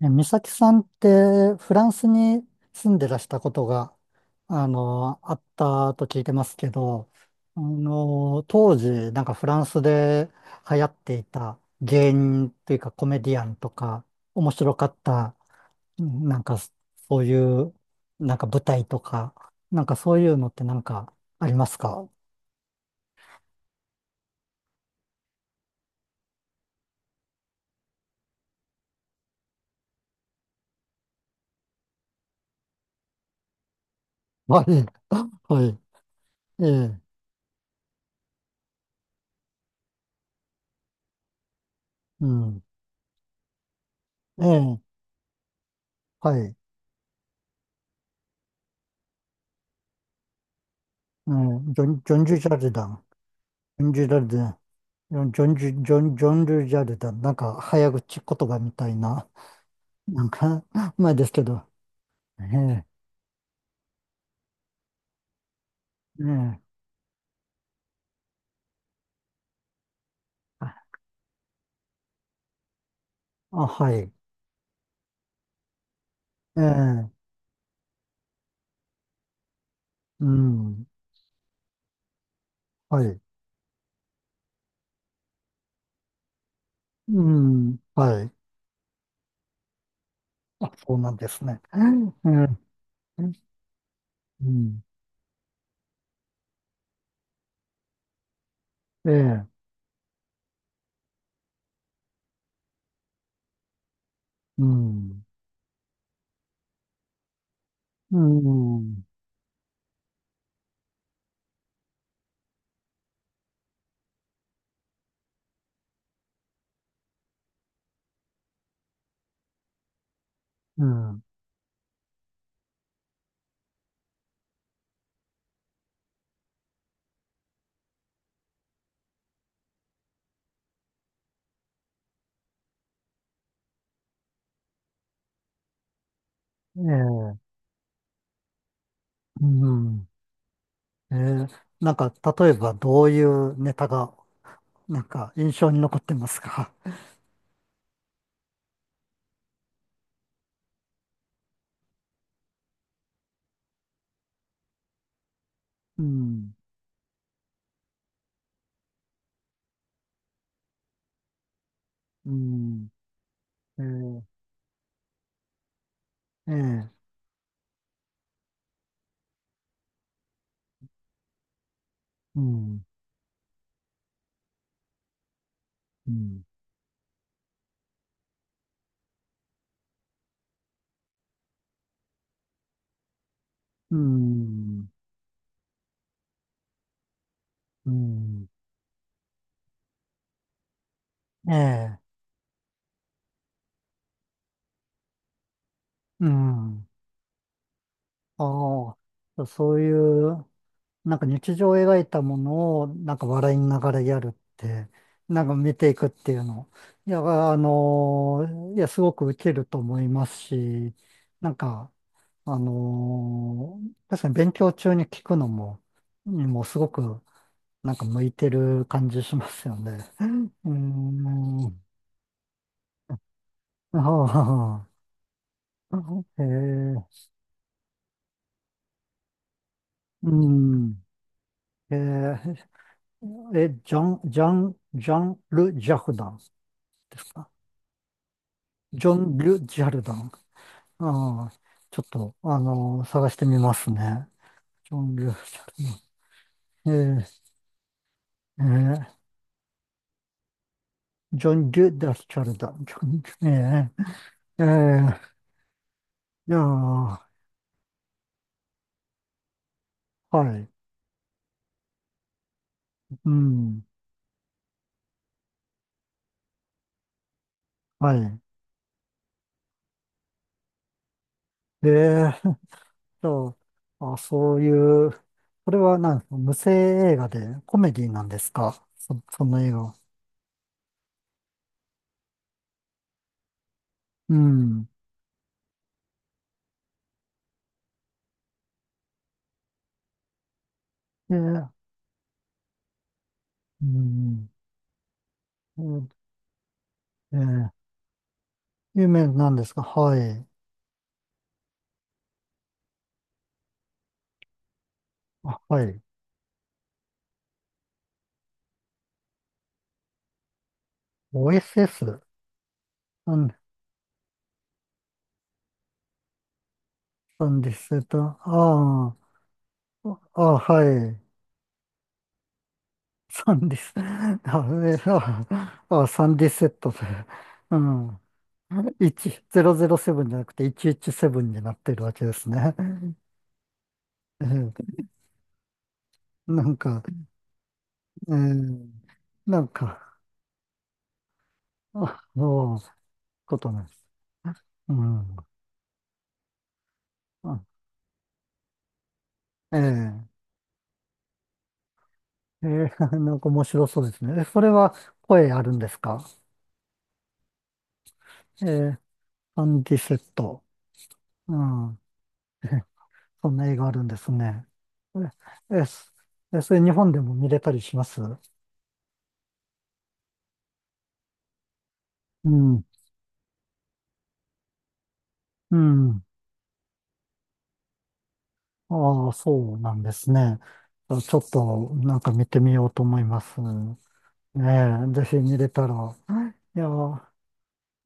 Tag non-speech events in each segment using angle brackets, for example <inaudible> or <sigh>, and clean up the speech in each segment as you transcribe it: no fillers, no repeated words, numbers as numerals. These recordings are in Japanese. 美咲さんってフランスに住んでらしたことが、あったと聞いてますけど、当時、なんかフランスで流行っていた芸人というかコメディアンとか、面白かった、うんなんかそういう、なんか舞台とか、なんかそういうのってなんかありますか？ <laughs> はい。<laughs> はい。ええ。うん。ええ。はい。うん。ジョンジュジャルダン。ジョンジュジャルダン。ジョンルジャルだ。なんか、早口言葉みたいな、なんか、前ですけど。ええ、ええ、あ、あはい。ええ、うん、はい。うん、はい。あ、そうなんですね。ええ、うん、ええ、うん、うん、うん、ええ、うん、ええ、なんか、例えば、どういうネタが、なんか、印象に残ってますか？ <laughs> うん、うん、ええ、ええ、うん、うん、うん、うん、ええ、うん。ああ、そういう、なんか日常を描いたものを、なんか笑いながらやるって、なんか見ていくっていうの。いや、すごくウケると思いますし、なんか、あの、確かに勉強中に聞くのも、にもすごく、なんか向いてる感じしますよね。<laughs> うん。あああえー、うん。えー、え、ジョジャン・ル・ジャルダンですか？ジョン・ル・ジャルダン。ああ、ちょっと、探してみますね。ジョン・ル・ジャルダン。えー、えジョン・ル・ダ・ジャルダン。ジョン・えー、えー、いやー、はい。うん、はい。と、そういう、これはなんですか？無声映画でコメディなんですか？その映画は。うん。えー、うん。うんうん有名なんですか？はい。あ、はい。OSS？ サン、サンディスと、ああ、あ、はい。サンディス、あ、えあ、あ、サンディセットで、うん。1007じゃなくて117になってるわけですね。えーなんか、えーなんか、あの、ことなんです。うん。あええ<laughs> なんか面白そうですね。それは声あるんですか？えー、アンディセット。うん。<laughs> えそんな映画あるんですね。え、え、そそれ日本でも見れたりしますうん。うん。ああ、そうなんですね。ちょっとなんか見てみようと思います。ねえ、ぜひ見れたら。いや、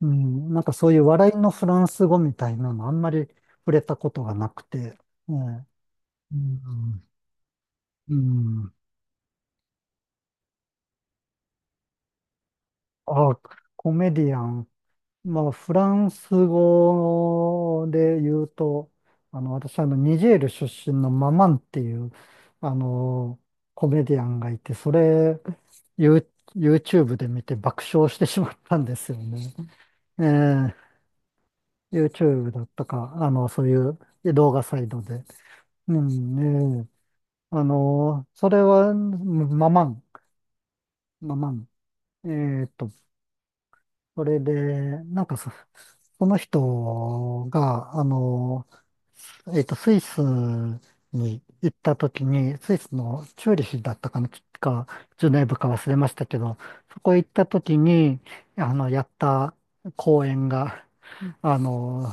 うん、なんかそういう笑いのフランス語みたいなのあんまり触れたことがなくて。ねえ、うん。うん。あ、コメディアン。まあ、フランス語で言うと、私、ニジェール出身のママンっていう、あの、コメディアンがいて、それ、ユー YouTube で見て爆笑してしまったんですよね。ええ、 YouTube だったか、そういう動画サイトで。うん、ええ、それは、ママン、ママン。えっと、それで、なんかそこの人が、スイスに行った時に、スイスのチューリヒだったかな、か、ジュネーブか忘れましたけど、そこ行った時に、やった公演が、あの、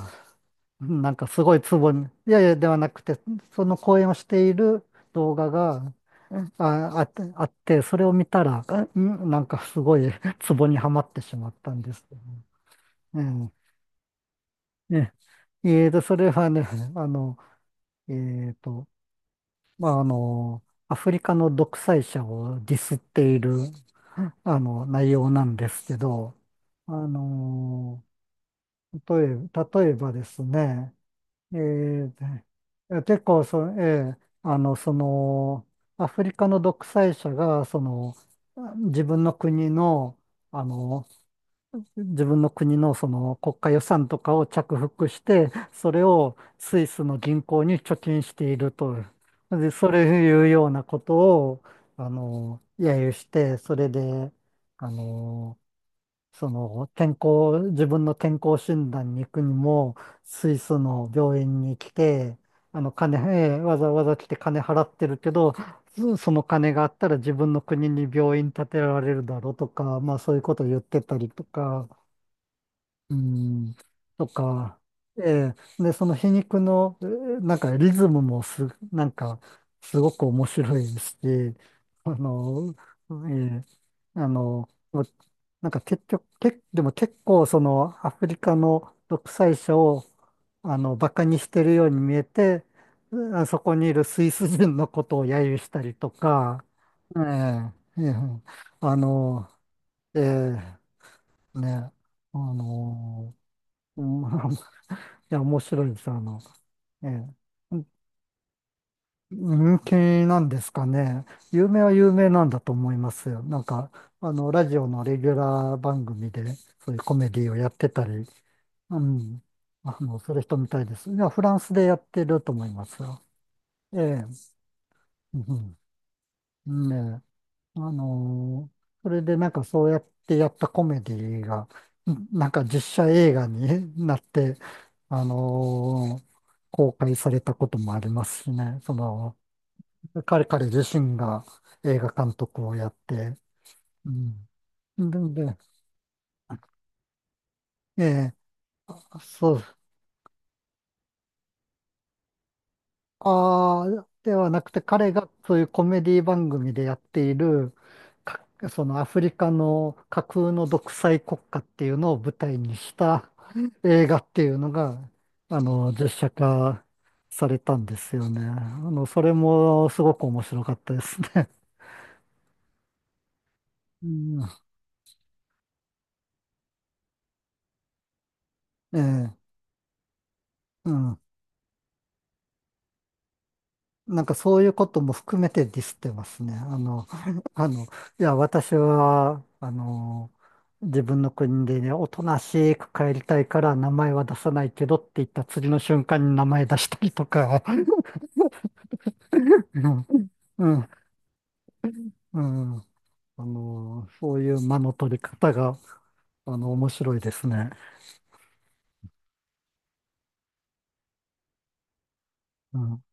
なんかすごいツボに、いやいや、ではなくて、その公演をしている動画が、あ、あって、あって、それを見たら、なんかすごいツボにはまってしまったんですけどね。うん。それはね、<laughs> あの、えーと、まあ、アフリカの独裁者をディスっている、内容なんですけど、あの、例え、例えばですね、えーと結構そ、えーあの、その、アフリカの独裁者が、その、自分の国の、あの、自分の国のその国家予算とかを着服して、それをスイスの銀行に貯金していると。で、それいうようなことを、揶揄して、それで、あの、その健康、自分の健康診断に行くにも、スイスの病院に来て、あの、金、えーわざわざ来て金払ってるけど、その金があったら自分の国に病院建てられるだろうとか、まあそういうことを言ってたりとか、うん、とか、ええ、で、その皮肉の、えーなんかリズムもなんか、すごく面白いし、あの、ええあの、なんか結局、でも結構そのアフリカの独裁者を、バカにしてるように見えて、あそこにいるスイス人のことを揶揄したりとか、ええ、ええ、あの、ええね、あのうん。 <laughs> いや、面白いです。ええ。人気なんですかね。有名は有名なんだと思いますよ。なんか、ラジオのレギュラー番組で、そういうコメディをやってたり、うん、する人みたいです。いや、フランスでやってると思いますよ。ええ、うん、うん、ね、それでなんかそうやってやったコメディが、なんか実写映画に <laughs> なって、あのー公開されたこともありますしね。その、彼自身が映画監督をやって、うん。で、でええ、そう、ああ、ではなくて彼がそういうコメディ番組でやっている、そのアフリカの架空の独裁国家っていうのを舞台にした映画っていうのが、実写化されたんですよね。それもすごく面白かったですね。<laughs> うん、<laughs> ええ、うん。なんかそういうことも含めてディスってますね。<laughs> いや、私は、自分の国でね、おとなしく帰りたいから名前は出さないけどって言った次の瞬間に名前出したりとか、<laughs> うん、うん、うん、そういう間の取り方が、面白いですね。うん